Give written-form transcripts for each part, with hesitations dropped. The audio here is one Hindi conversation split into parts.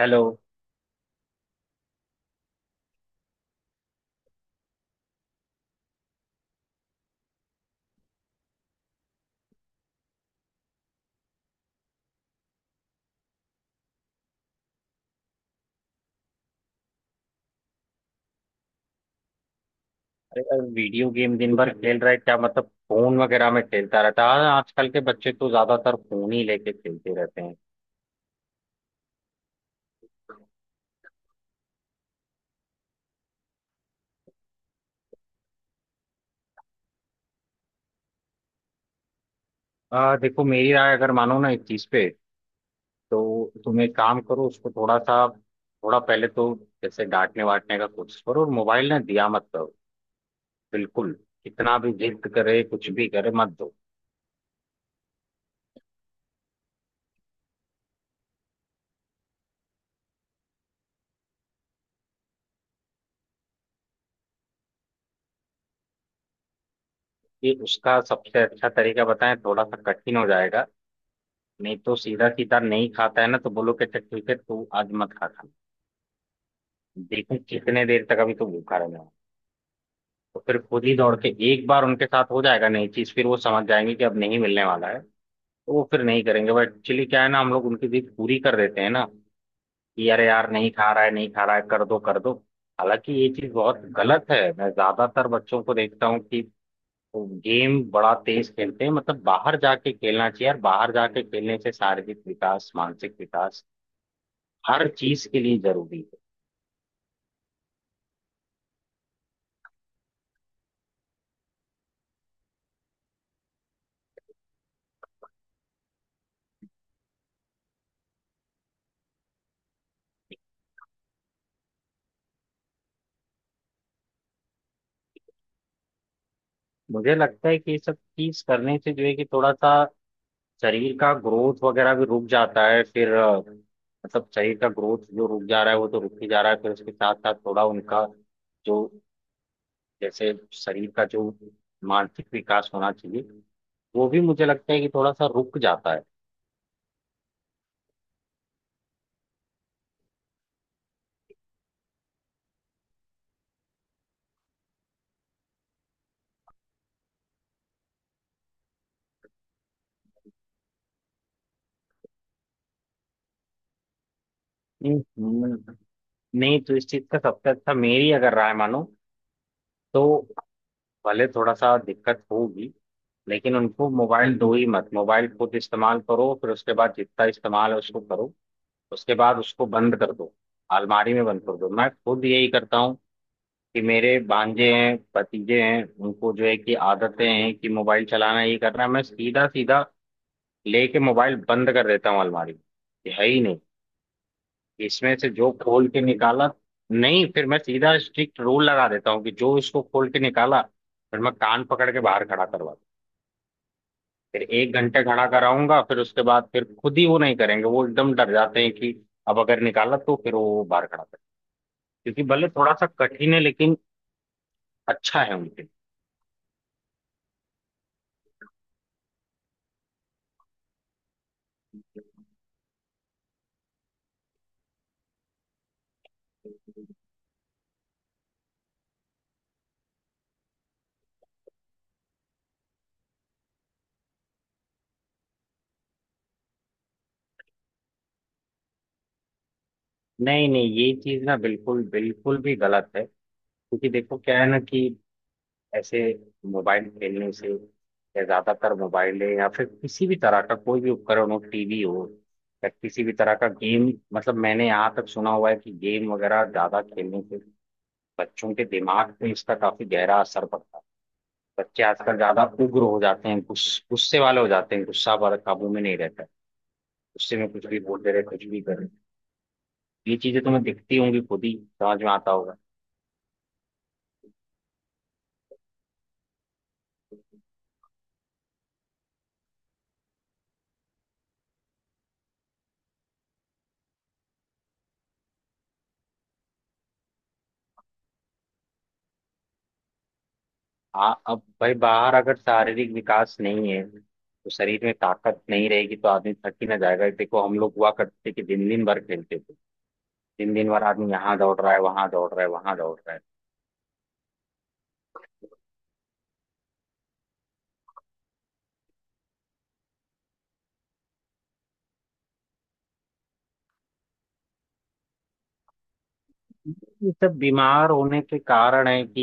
हेलो। अरे यार, वीडियो गेम दिन भर खेल रहा है? क्या मतलब फोन वगैरह में खेलता रहता है? हाँ, आजकल के बच्चे तो ज्यादातर फोन ही लेके खेलते रहते हैं। देखो, मेरी राय अगर मानो ना इस चीज पे, तो तुम एक काम करो। उसको थोड़ा सा, थोड़ा पहले तो जैसे डांटने वाटने का कोशिश करो, और मोबाइल ना दिया मत करो। बिल्कुल, कितना भी जिद करे कुछ भी करे मत दो। ये उसका सबसे अच्छा तरीका बताएं, थोड़ा सा कठिन हो जाएगा, नहीं तो। सीधा सीधा नहीं खाता है ना, तो बोलो कि अच्छा, ठीक है, तू आज मत खा। देखो कितने देर तक, अभी तो भूखा रहना है। तो फिर खुद ही दौड़ के एक बार उनके साथ हो जाएगा नई चीज। फिर वो समझ जाएंगे कि अब नहीं मिलने वाला है, तो वो फिर नहीं करेंगे। बट एक्चुअली क्या है ना, हम लोग उनकी जिद पूरी कर देते हैं ना, कि अरे यार नहीं खा रहा है नहीं खा रहा है, कर दो कर दो। हालांकि ये चीज बहुत गलत है। मैं ज्यादातर बच्चों को देखता हूँ कि वो गेम बड़ा तेज खेलते हैं। मतलब बाहर जाके खेलना चाहिए यार, बाहर जाके खेलने से शारीरिक विकास, मानसिक विकास, हर चीज के लिए जरूरी है। मुझे लगता है कि ये सब चीज करने से जो है कि थोड़ा सा शरीर का ग्रोथ वगैरह भी रुक जाता है। फिर मतलब शरीर का ग्रोथ जो रुक जा रहा है, वो तो रुक ही जा रहा है। फिर उसके साथ साथ थोड़ा उनका जो, जैसे शरीर का जो, मानसिक विकास होना चाहिए, वो भी मुझे लगता है कि थोड़ा सा रुक जाता है। हम्म, नहीं तो इस चीज का सबसे अच्छा, मेरी अगर राय मानो तो, भले थोड़ा सा दिक्कत होगी, लेकिन उनको मोबाइल दो ही मत। मोबाइल खुद इस्तेमाल करो, फिर उसके बाद जितना इस्तेमाल है उसको करो, उसके बाद उसको बंद कर दो। अलमारी में बंद कर दो, मैं खुद यही करता हूँ कि मेरे भांजे हैं, भतीजे हैं, उनको जो है कि आदतें हैं कि मोबाइल चलाना ये करना है, मैं सीधा सीधा लेके मोबाइल बंद कर देता हूँ अलमारी में, कि है ही नहीं। इसमें से जो खोल के निकाला, नहीं, फिर मैं सीधा स्ट्रिक्ट रूल लगा देता हूँ कि जो इसको खोल के निकाला, फिर मैं कान पकड़ के बाहर खड़ा करवा दूं। फिर एक घंटे खड़ा कराऊंगा। फिर उसके बाद फिर खुद ही वो नहीं करेंगे। वो एकदम डर जाते हैं कि अब अगर निकाला तो फिर वो बाहर खड़ा करेंगे। क्योंकि भले थोड़ा सा कठिन है, लेकिन अच्छा है उनके लिए। नहीं नहीं, ये चीज ना बिल्कुल बिल्कुल भी गलत है। क्योंकि देखो क्या है ना कि ऐसे मोबाइल खेलने से, या ज्यादातर मोबाइल है या फिर किसी भी तरह का कोई भी उपकरण हो, टीवी हो या किसी भी तरह का गेम, मतलब मैंने यहाँ तक सुना हुआ है कि गेम वगैरह ज्यादा खेलने से बच्चों के दिमाग पे इसका काफी गहरा असर पड़ता है। बच्चे आजकल ज्यादा उग्र हो जाते हैं, गुस्से वाले हो जाते हैं, गुस्सा पर काबू में नहीं रहता। उससे मैं कुछ भी बोलते रहे कुछ भी करे, ये चीजें तुम्हें दिखती होंगी खुद ही, समझ में आता होगा। अब भाई बाहर अगर शारीरिक विकास नहीं है तो शरीर में ताकत नहीं रहेगी, तो आदमी थक ही ना जाएगा। देखो हम लोग हुआ करते थे कि दिन दिन भर खेलते थे। दिन दिन भर आदमी यहाँ दौड़ रहा है, वहां दौड़ रहा है, वहां दौड़ रहा है। ये सब बीमार होने के कारण है कि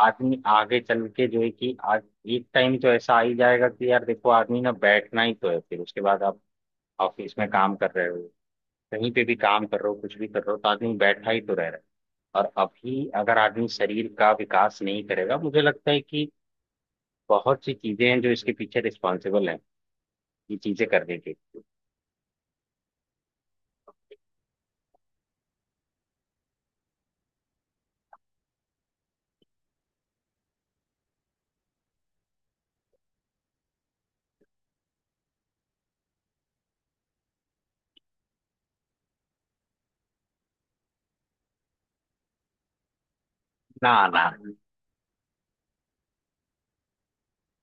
आदमी आगे चल के जो है कि, आज एक टाइम तो ऐसा आ ही जाएगा कि यार देखो, आदमी ना बैठना ही तो है। फिर उसके बाद आप ऑफिस में काम कर रहे हो, कहीं पे भी काम कर रहे हो, कुछ भी कर रहे हो, तो आदमी बैठा ही तो रह रहा है। और अभी अगर आदमी शरीर का विकास नहीं करेगा, मुझे लगता है कि बहुत सी चीजें हैं जो इसके पीछे रिस्पॉन्सिबल हैं, ये चीजें करने के। ना ना।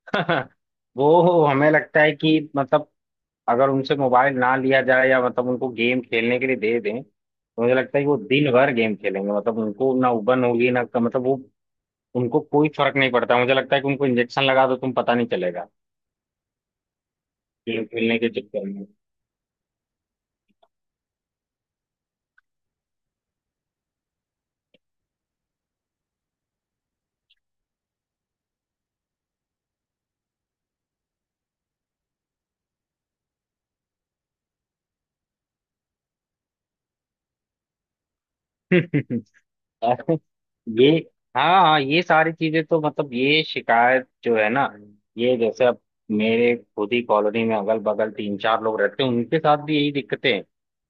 वो हमें लगता है कि मतलब अगर उनसे मोबाइल ना लिया जाए, या मतलब उनको गेम खेलने के लिए दे दें, तो मुझे लगता है कि वो दिन भर गेम खेलेंगे। मतलब उनको ना उबन होगी ना, मतलब वो, उनको कोई फर्क नहीं पड़ता। मुझे लगता है कि उनको इंजेक्शन लगा दो तुम, पता नहीं चलेगा, गेम खेलने के चक्कर में। अरे, ये, हाँ हाँ, ये सारी चीजें तो मतलब ये शिकायत जो है ना, ये जैसे अब मेरे खुद ही कॉलोनी में अगल बगल तीन चार लोग रहते हैं, उनके साथ भी यही दिक्कतें हैं।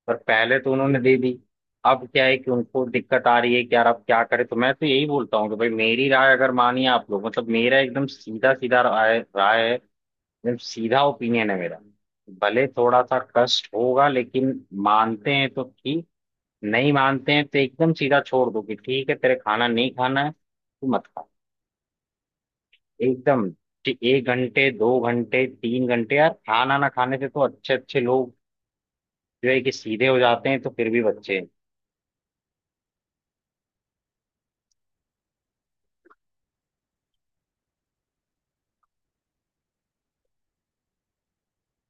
पर पहले तो उन्होंने दे दी, अब क्या है कि उनको दिक्कत आ रही है कि यार अब क्या करें। तो मैं तो यही बोलता हूँ कि भाई मेरी राय अगर मानिए आप लोग, मतलब मेरा एकदम सीधा सीधा राय राय है, एकदम सीधा ओपिनियन है मेरा। भले थोड़ा सा कष्ट होगा, लेकिन मानते हैं तो ठीक, नहीं मानते हैं तो एकदम सीधा छोड़ दो कि ठीक है, तेरे खाना नहीं खाना है तो मत खा। एकदम, कि एक घंटे, दो घंटे, तीन घंटे यार खाना ना खाने से तो अच्छे अच्छे लोग जो है कि सीधे हो जाते हैं, तो फिर भी बच्चे हैं।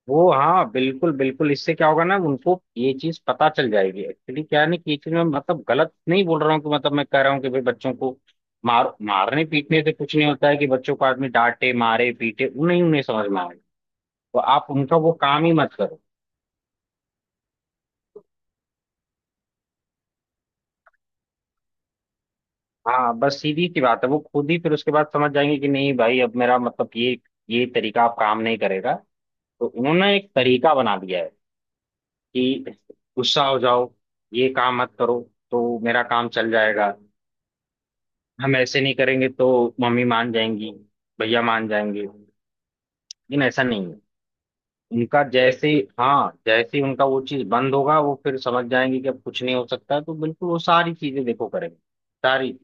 वो हाँ, बिल्कुल बिल्कुल, इससे क्या होगा ना, उनको ये चीज पता चल जाएगी। एक्चुअली क्या है ना कि ये चीज मैं मतलब गलत नहीं बोल रहा हूँ, कि मतलब मैं कह रहा हूँ कि भाई बच्चों को मार मारने पीटने से कुछ नहीं होता है, कि बच्चों को आदमी डांटे मारे पीटे उन्हें, उन्हें समझ में आए, तो आप उनका वो काम ही मत करो। हाँ, बस सीधी सी बात है, वो खुद ही फिर उसके बाद समझ जाएंगे कि नहीं भाई, अब मेरा मतलब ये तरीका अब काम नहीं करेगा। तो उन्होंने एक तरीका बना दिया है कि गुस्सा हो जाओ, ये काम मत करो, तो मेरा काम चल जाएगा। हम ऐसे नहीं करेंगे तो मम्मी मान जाएंगी, भैया मान जाएंगे। लेकिन ऐसा नहीं है। उनका जैसे, हाँ, जैसे ही उनका वो चीज बंद होगा, वो फिर समझ जाएंगे कि अब कुछ नहीं हो सकता, तो बिल्कुल वो सारी चीजें देखो करेंगे, सारी।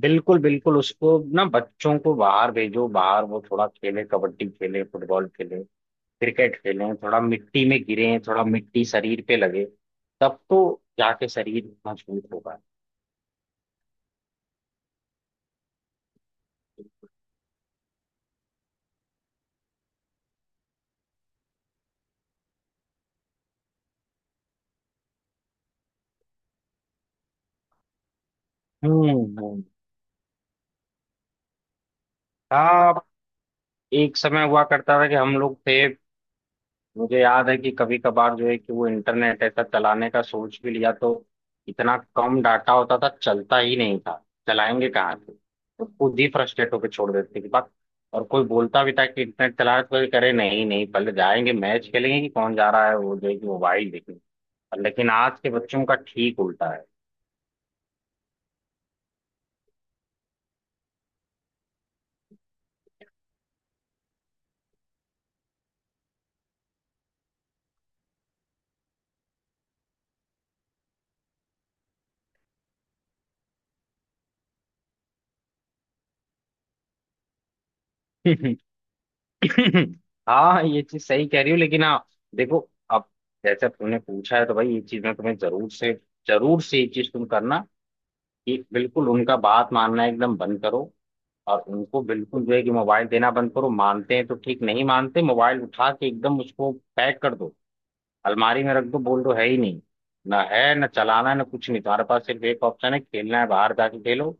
बिल्कुल बिल्कुल, उसको ना बच्चों को बाहर भेजो, बाहर वो थोड़ा खेले, कबड्डी खेले, फुटबॉल खेले, क्रिकेट खेलें, थोड़ा मिट्टी में गिरें, थोड़ा मिट्टी शरीर पे लगे, तब तो जाके शरीर मजबूत होगा। हम्म हम्म। हाँ, एक समय हुआ करता था कि हम लोग थे, मुझे याद है कि कभी कभार जो है कि वो इंटरनेट ऐसा चलाने का सोच भी लिया तो इतना कम डाटा होता था, चलता ही नहीं था, चलाएंगे कहाँ से। तो खुद ही फ्रस्ट्रेट होकर छोड़ देते थे बात, और कोई बोलता भी था कि इंटरनेट चला रहा है, तो कोई करे नहीं, नहीं पहले जाएंगे मैच खेलेंगे, कि कौन जा रहा है वो जो है कि मोबाइल देखने। और लेकिन आज के बच्चों का ठीक उल्टा है। हाँ, ये चीज सही कह रही हो, लेकिन हाँ देखो, अब जैसे अब तुमने पूछा है तो भाई ये चीज मैं तुम्हें जरूर से, जरूर से ये चीज तुम करना कि बिल्कुल उनका बात मानना एकदम बंद करो, और उनको बिल्कुल जो है कि मोबाइल देना बंद करो। मानते हैं तो ठीक, नहीं मानते मोबाइल उठा के एकदम उसको पैक कर दो, अलमारी में रख दो, बोल दो है ही नहीं। ना है ना चलाना है ना कुछ नहीं, तुम्हारे पास सिर्फ एक ऑप्शन है, खेलना है बाहर जाके खेलो।